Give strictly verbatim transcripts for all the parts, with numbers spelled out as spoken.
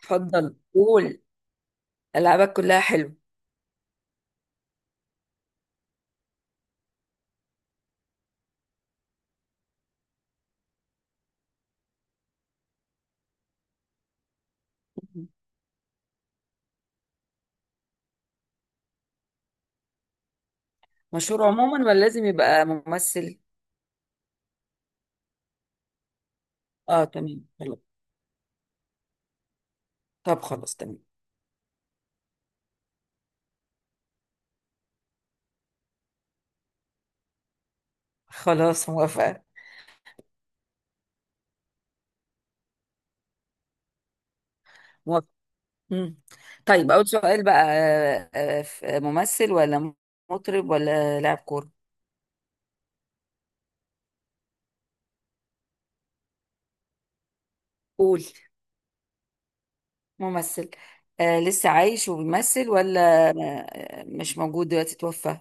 اتفضل قول. ألعابك كلها حلو. مهم. مشهور عموما ولا لازم يبقى ممثل؟ اه، تمام، حلو. طب خلاص، تمام. خلاص موافقة. موافقة. مم. طيب أول سؤال بقى، آه، آه، ف- ممثل ولا مطرب ولا لاعب كورة؟ قول. ممثل. آه، لسه عايش وبيمثل ولا آه مش موجود دلوقتي، توفى؟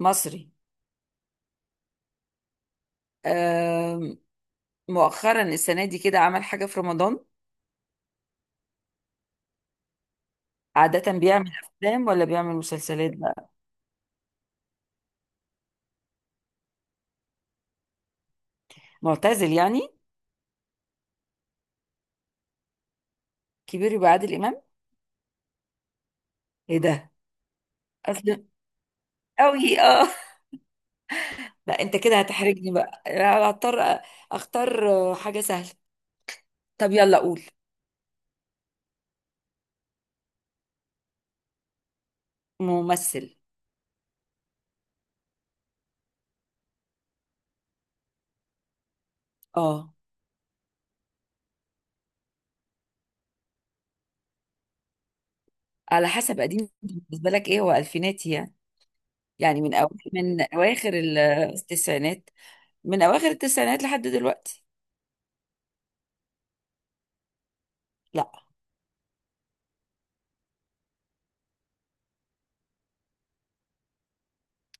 مصري؟ آه. مؤخرا السنة دي كده عمل حاجة في رمضان؟ عادة بيعمل أفلام ولا بيعمل مسلسلات؟ معتزل يعني؟ كبير يبقى عادل امام. ايه ده! اصل قوي، اه. لا، انت كده هتحرجني بقى أنا هضطر اختار آه، حاجه سهله. طب يلا قول. ممثل. اه. على حسب، قديم بالنسبه لك ايه هو الفيناتي يعني؟ يعني من أو... من اواخر ال- التسعينات. من اواخر التسعينات لحد دلوقتي. لا.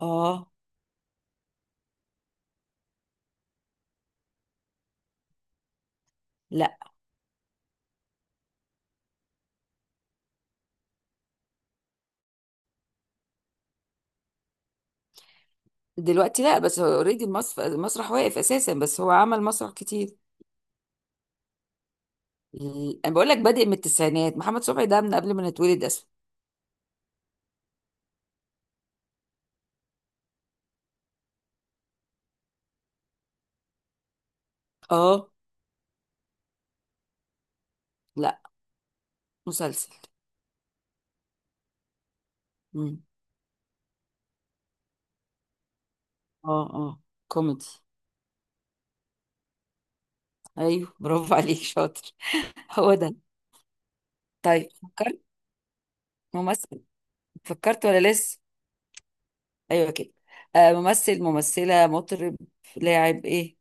اه. لا. دلوقتي لا، بس هو اوريدي المسرح المسرح واقف اساسا، بس هو عمل مسرح كتير. ال- انا بقول لك بادئ من التسعينات، محمد صبحي ده من قبل ما نتولد اصلا. اه. لا. مسلسل. مم. اه، اه. كوميدي. ايوه، برافو عليك، شاطر. هو ده. طيب فكرت؟ ممثل. فكرت ولا لسه؟ ايوه كده. آه، ممثل ممثلة مطرب لاعب ايه؟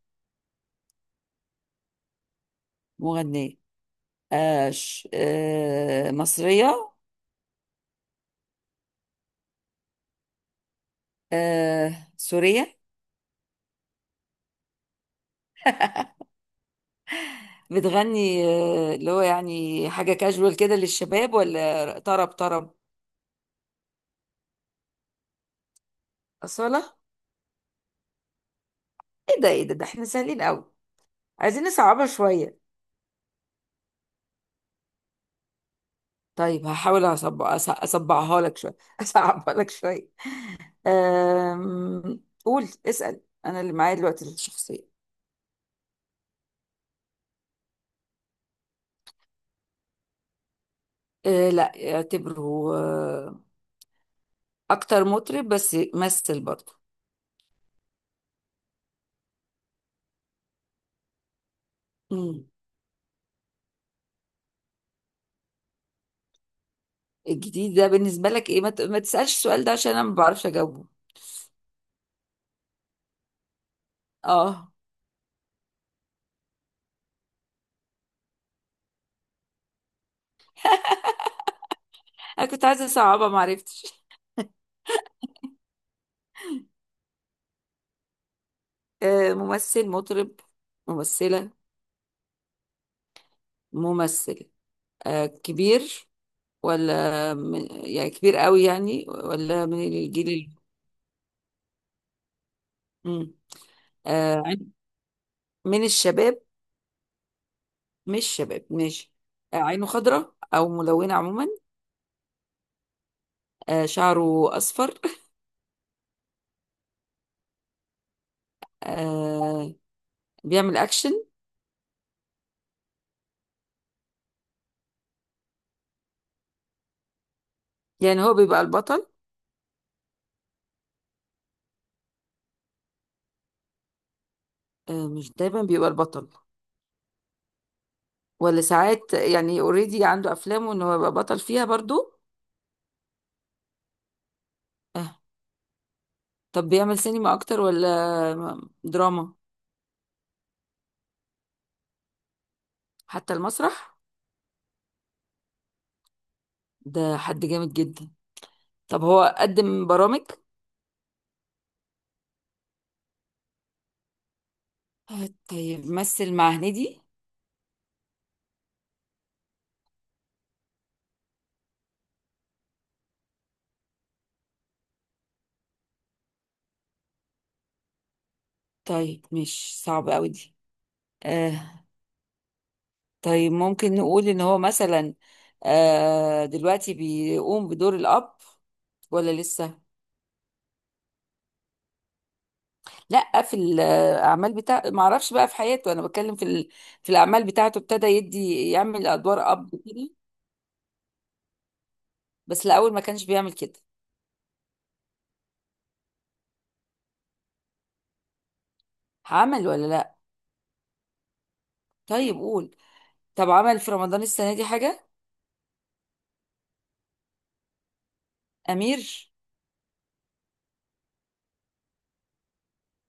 مغنية. آه ش... آه، مصرية؟ آه، سورية؟ بتغني آه اللي هو يعني حاجة كاجوال كده للشباب ولا طرب طرب؟ أصالة. ايه ده! ايه ده! ده احنا سهلين قوي. عايزين نصعبها شوية. طيب هحاول أصب... أص- أصبعها لك شوية. أصعبها لك شوية. أم... قول، اسأل، أنا اللي معايا دلوقتي الشخصية. أه لا، اعتبره آه، أكتر مطرب بس مثل برضه. مم. الجديد ده بالنسبة لك إيه، ما, ت... ما تسألش السؤال ده عشان أنا ما بعرفش أجاوبه. أه. أنا كنت عايزة أصعبها ما عرفتش. أه، ممثل مطرب ممثلة. ممثل. أه، كبير ولا من... يعني كبير قوي يعني، ولا من الجيل ال... مم. آه، عين- من الشباب؟ مش شباب، ماشي. آه، عينه خضراء او ملونه عموما؟ آه، شعره اصفر؟ آه، بيعمل اكشن؟ يعني هو بيبقى البطل؟ آه، مش دايما بيبقى البطل. ولا ساعات، يعني اوريدي عنده افلامه ان هو يبقى بطل فيها برضو. آه، طب بيعمل سينما اكتر ولا م- دراما؟ حتى المسرح. ده حد جامد جدا. طب هو قدم برامج؟ آه، طيب مثل مع هنيدي؟ طيب مش صعب قوي دي. آه، طيب ممكن نقول ان هو مثلا آه، دلوقتي بيقوم بدور الاب ولا لسه؟ لا، في الاعمال بتاع ما اعرفش بقى في حياته، انا بتكلم في ال... في الاعمال بتاعته، ابتدى يدي يعمل ادوار اب كده. بس الاول ما كانش بيعمل كده. عمل ولا لا؟ طيب قول. طب عمل في رمضان السنه دي حاجه؟ امير؟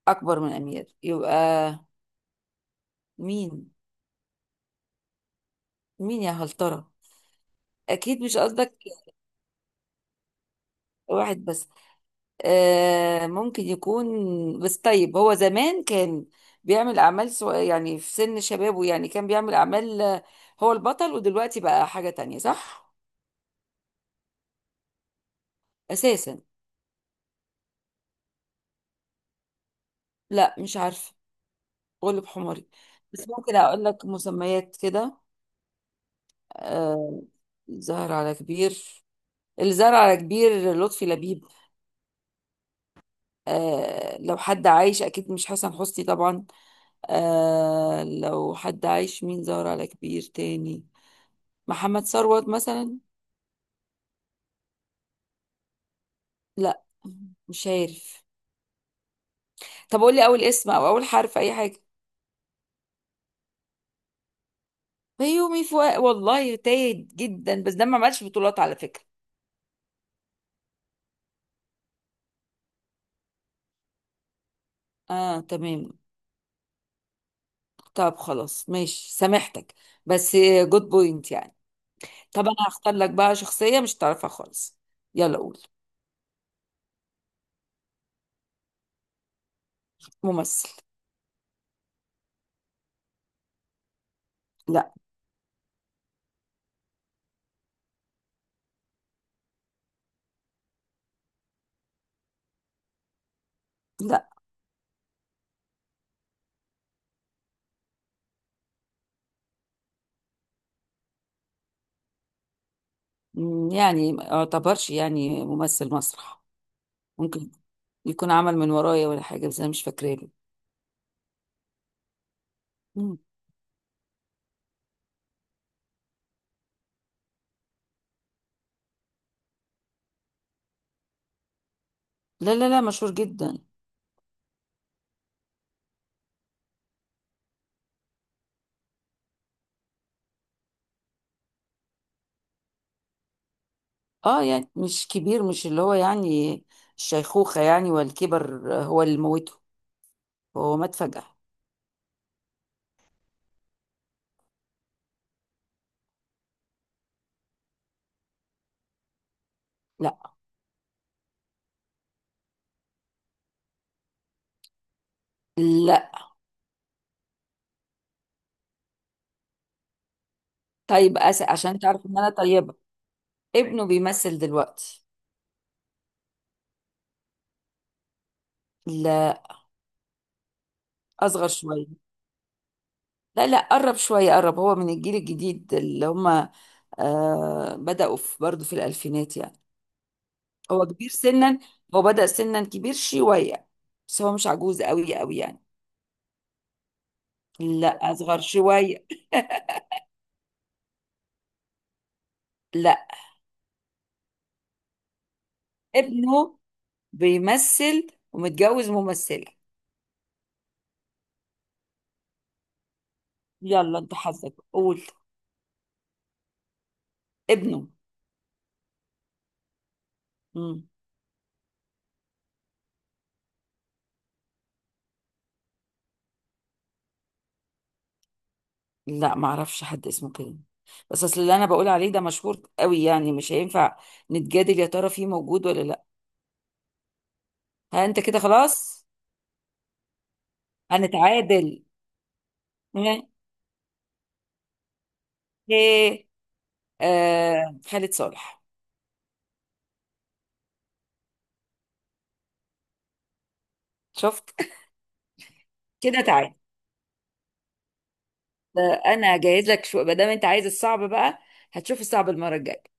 اكبر من امير يبقى. مين؟ مين يا هلطره؟ اكيد مش قصدك. واحد بس. آه، ممكن يكون، بس طيب هو زمان كان بيعمل أعمال سو... يعني في سن شبابه يعني كان بيعمل أعمال، آه، هو البطل، ودلوقتي بقى حاجة تانية، صح؟ أساسا. لا، مش عارفة. غلب حماري. بس ممكن أقول لك مسميات كده. آه، الزهر على كبير. الزهر على كبير، لطفي لبيب. آه، لو حد عايش، أكيد مش حسن حسني طبعا. آه، لو حد عايش مين زهر على كبير تاني؟ محمد ثروت مثلا. لا. مش عارف. طب قول لي اول اسم او اول حرف، اي حاجه. بيومي فؤاد، والله تايه جدا، بس ده ما عملش بطولات على فكره. اه، تمام. طب خلاص ماشي سامحتك. بس جود بوينت يعني. طب انا هختار لك بقى شخصيه مش تعرفها خالص. يلا قول. ممثل. لا. لا. مم، يعني ما يعتبرش يعني ممثل مسرح. ممكن يكون عمل من ورايا ولا حاجه، بس انا مش فاكراه له. مم. لا، لا، لا، مشهور جدا. اه، يعني مش كبير، مش اللي هو يعني الشيخوخة يعني والكبر، آه، هو اللي موته. هو مات فجأة. لا. لا. طيب أس... عشان تعرف ان انا طيبة. ابنه بيمثل دلوقتي. لا، اصغر شوية. لا لا، قرب شوية، قرب، هو من الجيل الجديد اللي هم آه بدأوا في برضه في الألفينات يعني. هو كبير سنا. هو بدأ سنا كبير شوية. بس هو مش عجوز قوي قوي يعني. لا، أصغر شوية. لا. ابنه بيمثل ومتجوز ممثلة. يلا انت حظك، قول. ابنه. مم. لا، ما اعرفش حد اسمه كده. بس اصل اللي انا بقول عليه ده مشهور قوي يعني مش هينفع نتجادل. يا ترى فيه موجود ولا لا؟ ها انت كده خلاص. هنتعادل. ها؟ ايه. آه، خالد صالح. شفت. كده تعالى. انا جاهز لك شو ما دام انت عايز الصعب بقى. هتشوف الصعب المرة الجاية.